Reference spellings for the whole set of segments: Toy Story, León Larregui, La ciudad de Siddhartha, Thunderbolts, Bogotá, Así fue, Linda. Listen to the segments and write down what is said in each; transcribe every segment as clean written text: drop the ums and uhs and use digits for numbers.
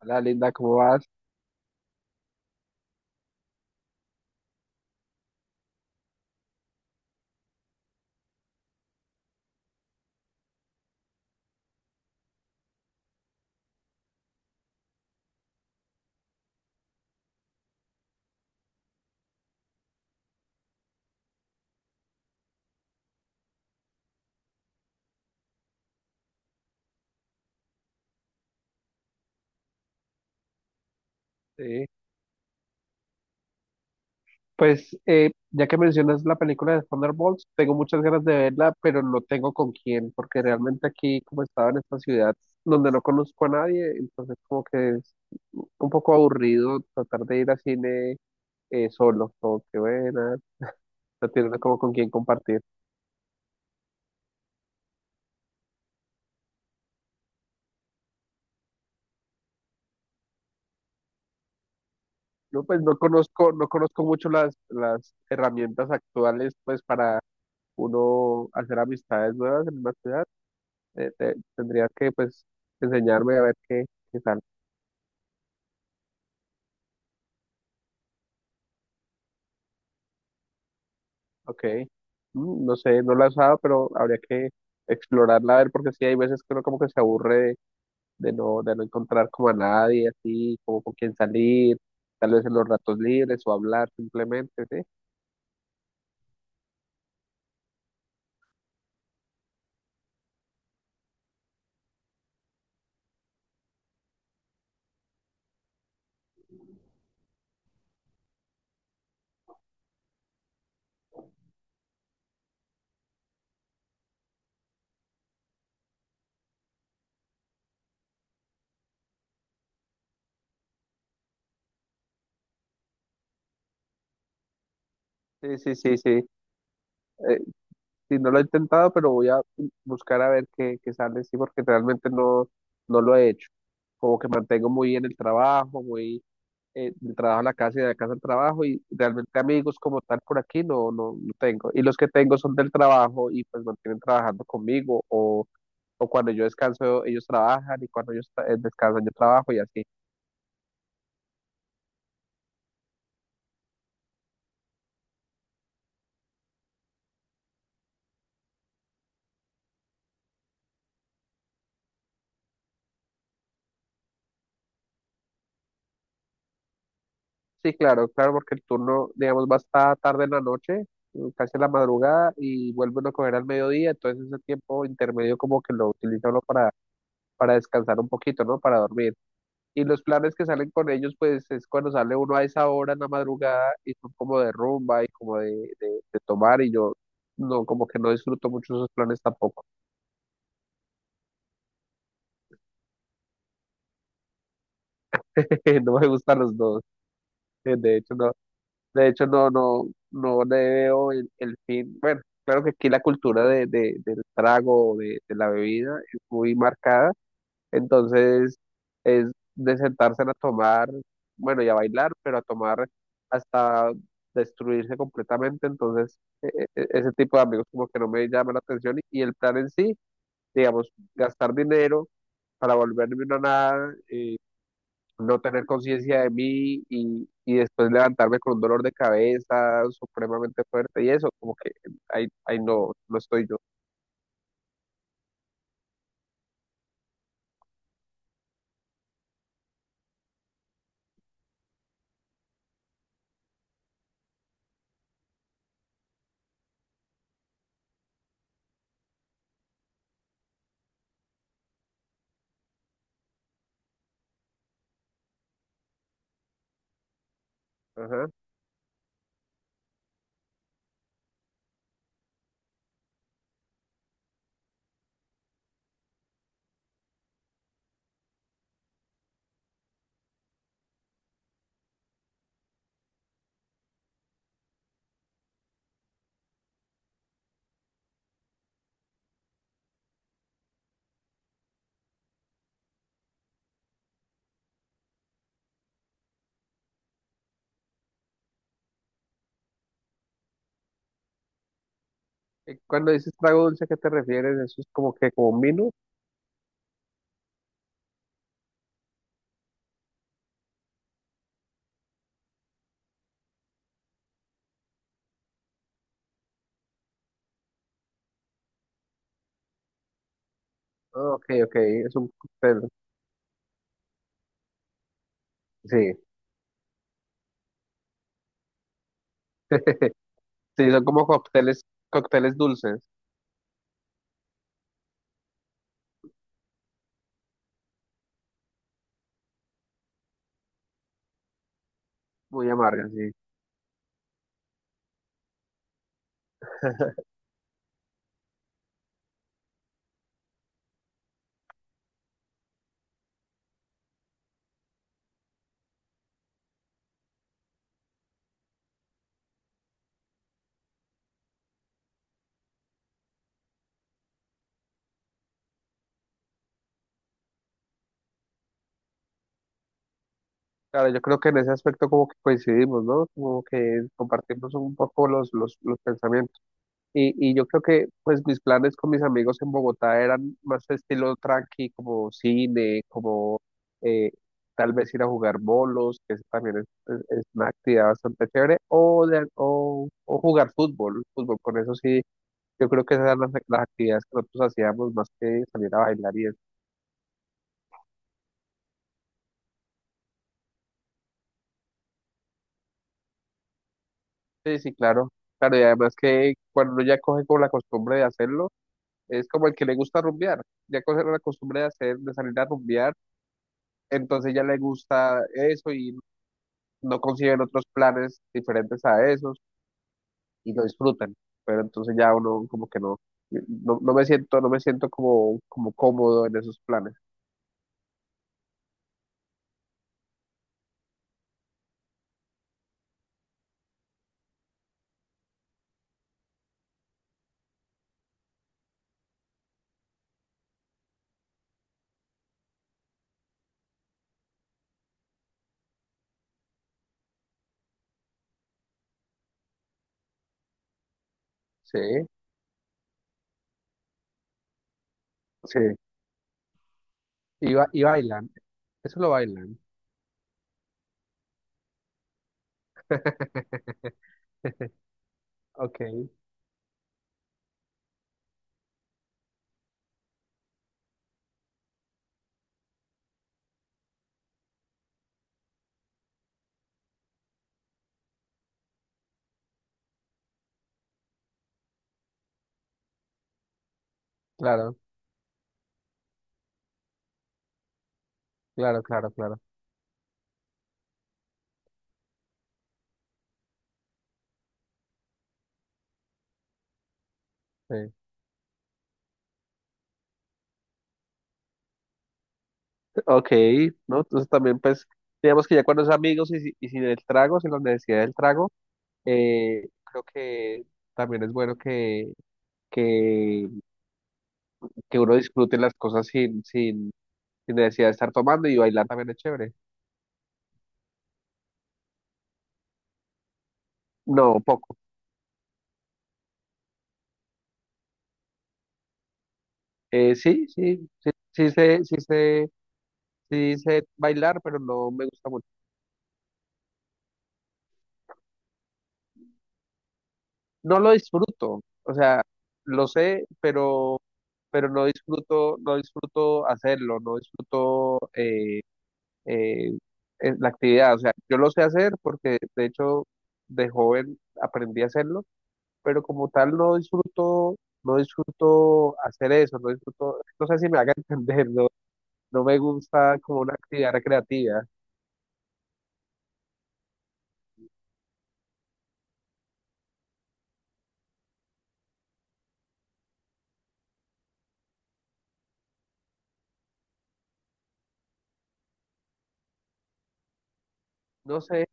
Hola Linda, ¿cómo vas? Sí. Pues ya que mencionas la película de Thunderbolts, tengo muchas ganas de verla, pero no tengo con quién, porque realmente aquí, como estaba en esta ciudad donde no conozco a nadie, entonces como que es un poco aburrido tratar de ir al cine, solo, como que bueno, no tiene uno como con quién compartir. No, pues no conozco, no conozco mucho las herramientas actuales pues para uno hacer amistades nuevas en una ciudad. Tendrías que, pues, enseñarme a ver qué, qué tal. Ok. Mm, no sé, no la he usado, pero habría que explorarla a ver, porque sí, hay veces que uno como que se aburre de no encontrar como a nadie, así, como con quién salir, tal vez en los ratos libres o hablar simplemente, ¿sí? Sí, sí, sí, sí. Eh, Sí, no lo he intentado, pero voy a buscar a ver qué, qué sale, sí, porque realmente no, no lo he hecho. Como que mantengo muy bien el trabajo, muy del trabajo a la casa y de la casa al trabajo, y realmente amigos como tal por aquí no, no, no tengo. Y los que tengo son del trabajo y pues mantienen trabajando conmigo, o cuando yo descanso ellos trabajan, y cuando descansan yo trabajo y así. Sí, claro, claro, porque el turno, digamos, va hasta tarde en la noche, casi a la madrugada, y vuelve uno a coger al mediodía, entonces ese tiempo intermedio como que lo utiliza uno para descansar un poquito, ¿no? Para dormir. Y los planes que salen con ellos, pues es cuando sale uno a esa hora en la madrugada y son como de rumba y como de tomar, y yo no, como que no disfruto mucho esos planes tampoco. No me gustan los dos, de hecho, no. De hecho, no, no, no le veo el fin. Bueno, claro que aquí la cultura del trago, de la bebida, es muy marcada. Entonces, es de sentarse a tomar, bueno, y a bailar, pero a tomar hasta destruirse completamente. Entonces, ese tipo de amigos como que no me llama la atención. Y el plan en sí, digamos, gastar dinero para volverme una nada, no tener conciencia de mí y después levantarme con un dolor de cabeza supremamente fuerte y eso, como que ahí, ahí no, no estoy yo. Ajá. Y cuando dices trago dulce, ¿a qué te refieres? ¿Eso es como que como un vino? Ah, ok, ok, es un cóctel. Sí, sí, son como cócteles, cócteles dulces, muy amargas, sí. Claro, yo creo que en ese aspecto como que coincidimos, ¿no? Como que compartimos un poco los pensamientos. Y yo creo que pues mis planes con mis amigos en Bogotá eran más estilo tranqui, como cine, como, eh, tal vez ir a jugar bolos, que eso también es una actividad bastante chévere, o jugar fútbol, fútbol, con eso sí, yo creo que esas eran las actividades que nosotros hacíamos más que salir a bailar y eso. Sí, sí, claro, claro, y además que cuando uno ya coge como la costumbre de hacerlo, es como el que le gusta rumbear, ya coge la costumbre de hacer, de salir a rumbear, entonces ya le gusta eso y no consiguen otros planes diferentes a esos y lo disfrutan. Pero entonces ya uno como que no, no, no me siento, no me siento como, como cómodo en esos planes. Sí, sí. Y, y bailan, eso lo bailan. Ok, claro, claro, claro, claro. Sí. Ok, ¿no? Entonces también pues digamos que ya cuando es amigos y sin el trago, sin la necesidad del trago, creo que también es bueno que, que uno disfrute las cosas sin, sin, y necesidad de estar tomando y bailar también es chévere. No, poco. Sí, sí, sí, sí sé, sí sé, sí sé bailar, pero no me gusta mucho. No lo disfruto, o sea, lo sé, pero no disfruto, no disfruto hacerlo, no disfruto eh, la actividad. O sea, yo lo sé hacer porque de hecho de joven aprendí a hacerlo, pero como tal no disfruto, no disfruto hacer eso, no disfruto, no sé si me haga entender, ¿no? No me gusta como una actividad recreativa. No sé,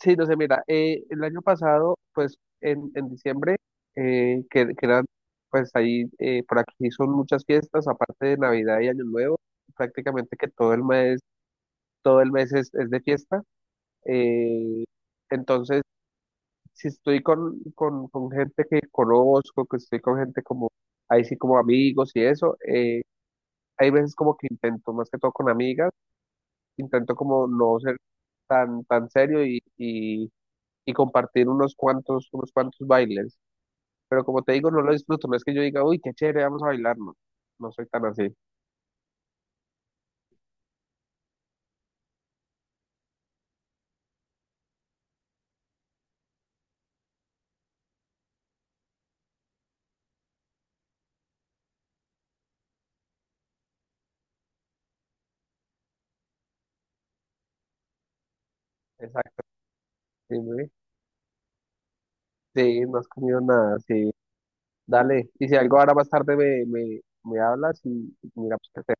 sí, no sé, mira, el año pasado, pues en diciembre, que eran, pues ahí, por aquí son muchas fiestas, aparte de Navidad y Año Nuevo, prácticamente que todo el mes es de fiesta. eh, entonces, si estoy con gente que conozco, que estoy con gente como, ahí sí como amigos y eso, hay veces como que intento, más que todo con amigas, intento como no ser tan, tan serio y compartir unos cuantos bailes. Pero como te digo, no lo disfruto, no es que yo diga, uy, qué chévere, vamos a bailar, no, no soy tan así. Exacto, sí, muy-, sí, no has comido nada, sí, dale. Y si algo ahora más tarde me, me, me hablas y mira, pues qué hacer.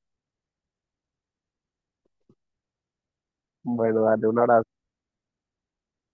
Bueno, dale, un abrazo.